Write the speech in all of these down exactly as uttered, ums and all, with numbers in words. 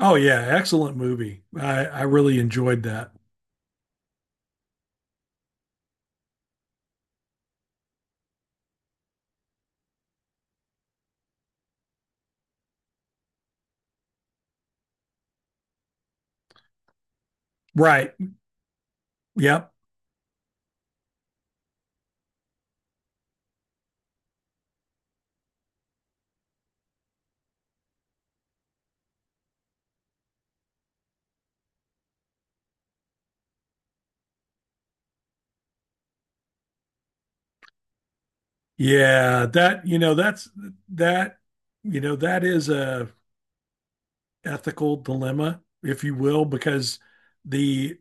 Oh yeah, excellent movie. I I really enjoyed that. Right. Yep. Yeah, that you know that's that you know that is a ethical dilemma, if you will, because the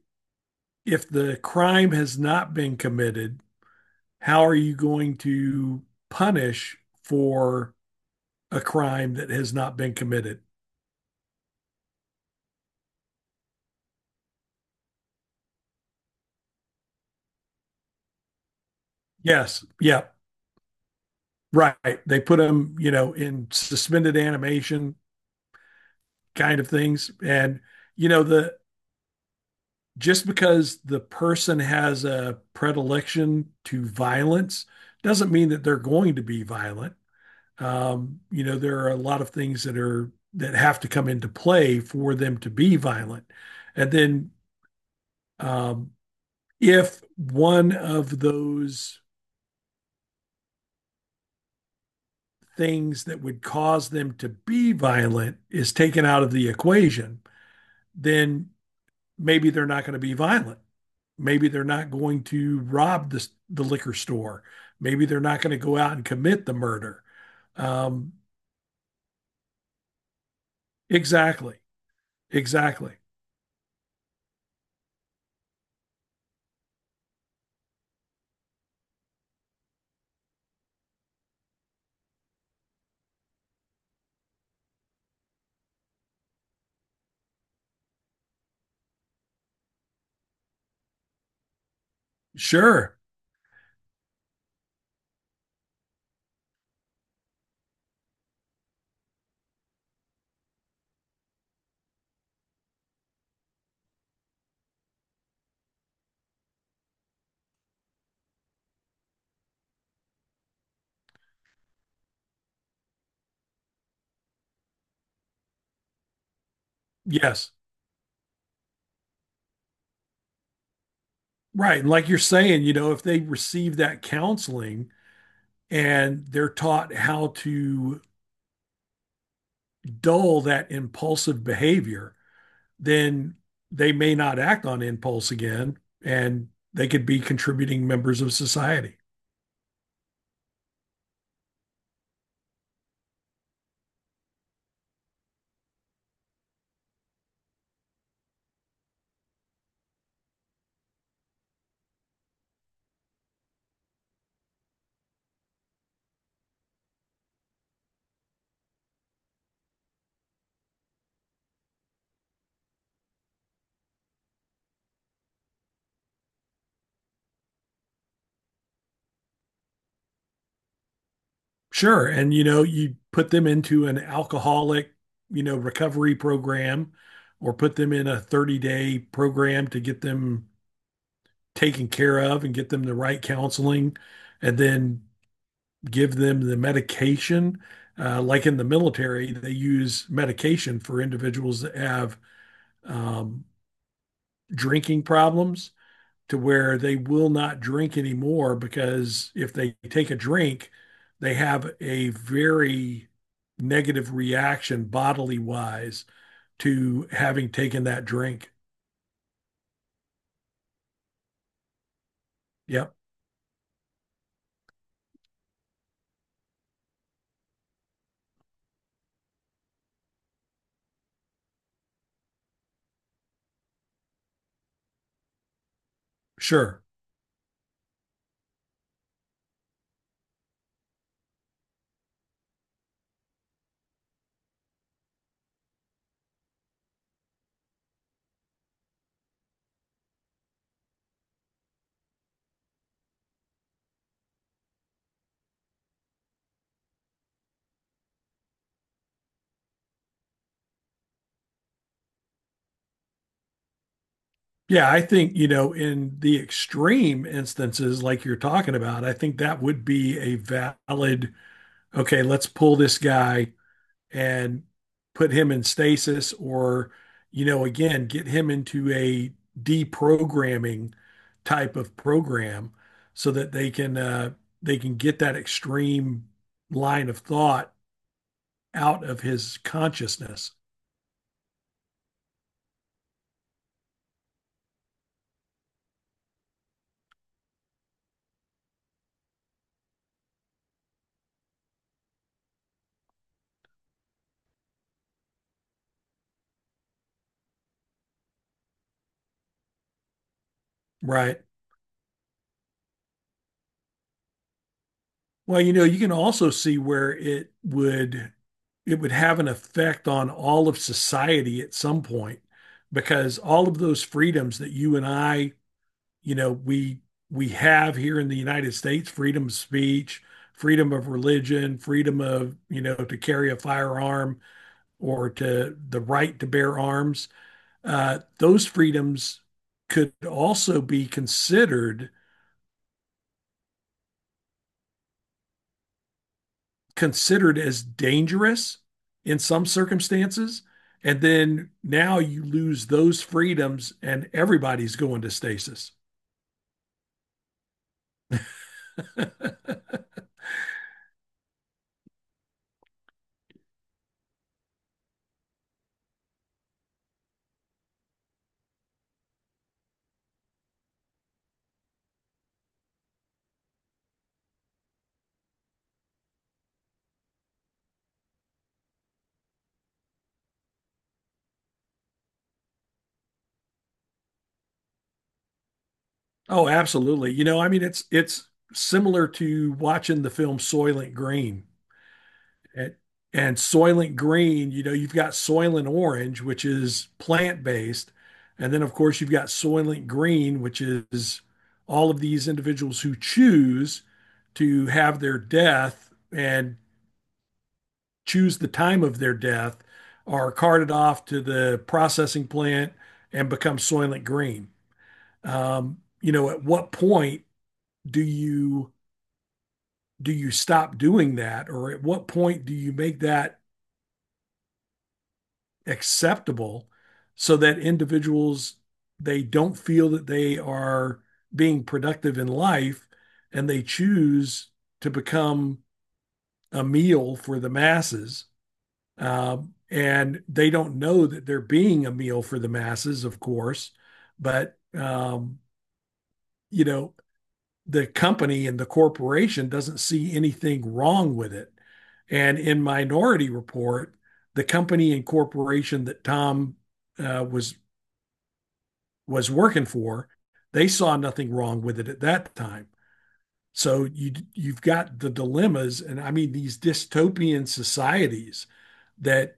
if the crime has not been committed, how are you going to punish for a crime that has not been committed? Yes. Yep. Right. They put them, you know, in suspended animation kind of things, and you know the just because the person has a predilection to violence doesn't mean that they're going to be violent. Um, you know, there are a lot of things that are that have to come into play for them to be violent. And then um, if one of those things that would cause them to be violent is taken out of the equation, then maybe they're not going to be violent. Maybe they're not going to rob the, the liquor store. Maybe they're not going to go out and commit the murder. Um, exactly. Exactly. Sure. Yes. Right. And like you're saying, you know, if they receive that counseling and they're taught how to dull that impulsive behavior, then they may not act on impulse again, and they could be contributing members of society. Sure. And you know, you put them into an alcoholic, you know, recovery program, or put them in a thirty-day-day program to get them taken care of and get them the right counseling, and then give them the medication. Uh, like in the military, they use medication for individuals that have um, drinking problems, to where they will not drink anymore, because if they take a drink, they have a very negative reaction bodily wise to having taken that drink. Yep, sure. Yeah, I think, you know, in the extreme instances like you're talking about, I think that would be a valid, okay, let's pull this guy and put him in stasis, or, you know, again, get him into a deprogramming type of program so that they can uh, they can get that extreme line of thought out of his consciousness, right? Well, you know, you can also see where it would it would have an effect on all of society at some point, because all of those freedoms that you and I, you know we we have here in the United States, freedom of speech, freedom of religion, freedom of you know to carry a firearm, or to the right to bear arms. Uh, those freedoms could also be considered considered as dangerous in some circumstances. And then now you lose those freedoms, and everybody's going to stasis. Oh, absolutely. You know, I mean, it's it's similar to watching the film Soylent Green. And, and Soylent Green, you know, you've got Soylent Orange, which is plant-based, and then of course you've got Soylent Green, which is all of these individuals who choose to have their death and choose the time of their death are carted off to the processing plant and become Soylent Green. Um, you know, at what point do you do you stop doing that, or at what point do you make that acceptable so that individuals, they don't feel that they are being productive in life, and they choose to become a meal for the masses, um, and they don't know that they're being a meal for the masses, of course, but um, you know the company and the corporation doesn't see anything wrong with it. And in Minority Report, the company and corporation that Tom uh, was was working for, they saw nothing wrong with it at that time. So you you've got the dilemmas, and I mean these dystopian societies that,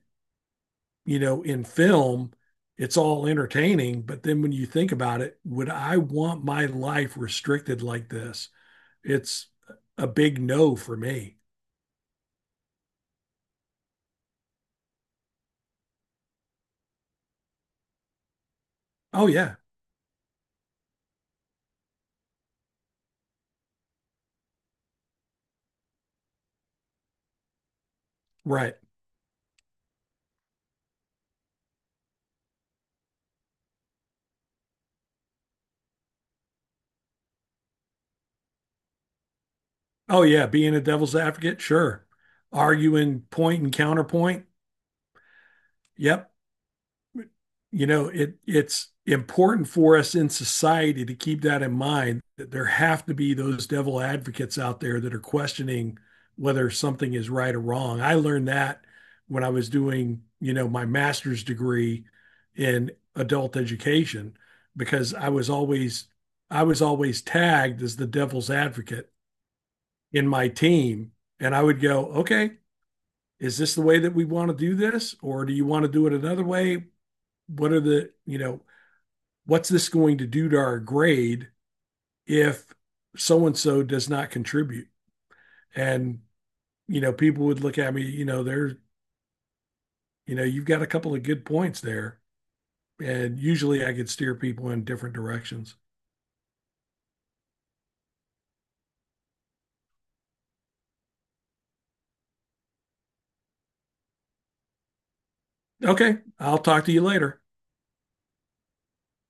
you know in film, it's all entertaining, but then when you think about it, would I want my life restricted like this? It's a big no for me. Oh yeah, right. Oh yeah, being a devil's advocate, sure. Arguing point and counterpoint. Yep, you know it it's important for us in society to keep that in mind, that there have to be those devil advocates out there that are questioning whether something is right or wrong. I learned that when I was doing, you know my master's degree in adult education, because i was always i was always tagged as the devil's advocate in my team. And I would go, okay, is this the way that we want to do this, or do you want to do it another way? What are the you know what's this going to do to our grade if so and so does not contribute? And, you know, people would look at me, you know, they're, you know, you've got a couple of good points there. And usually I could steer people in different directions. Okay, I'll talk to you later.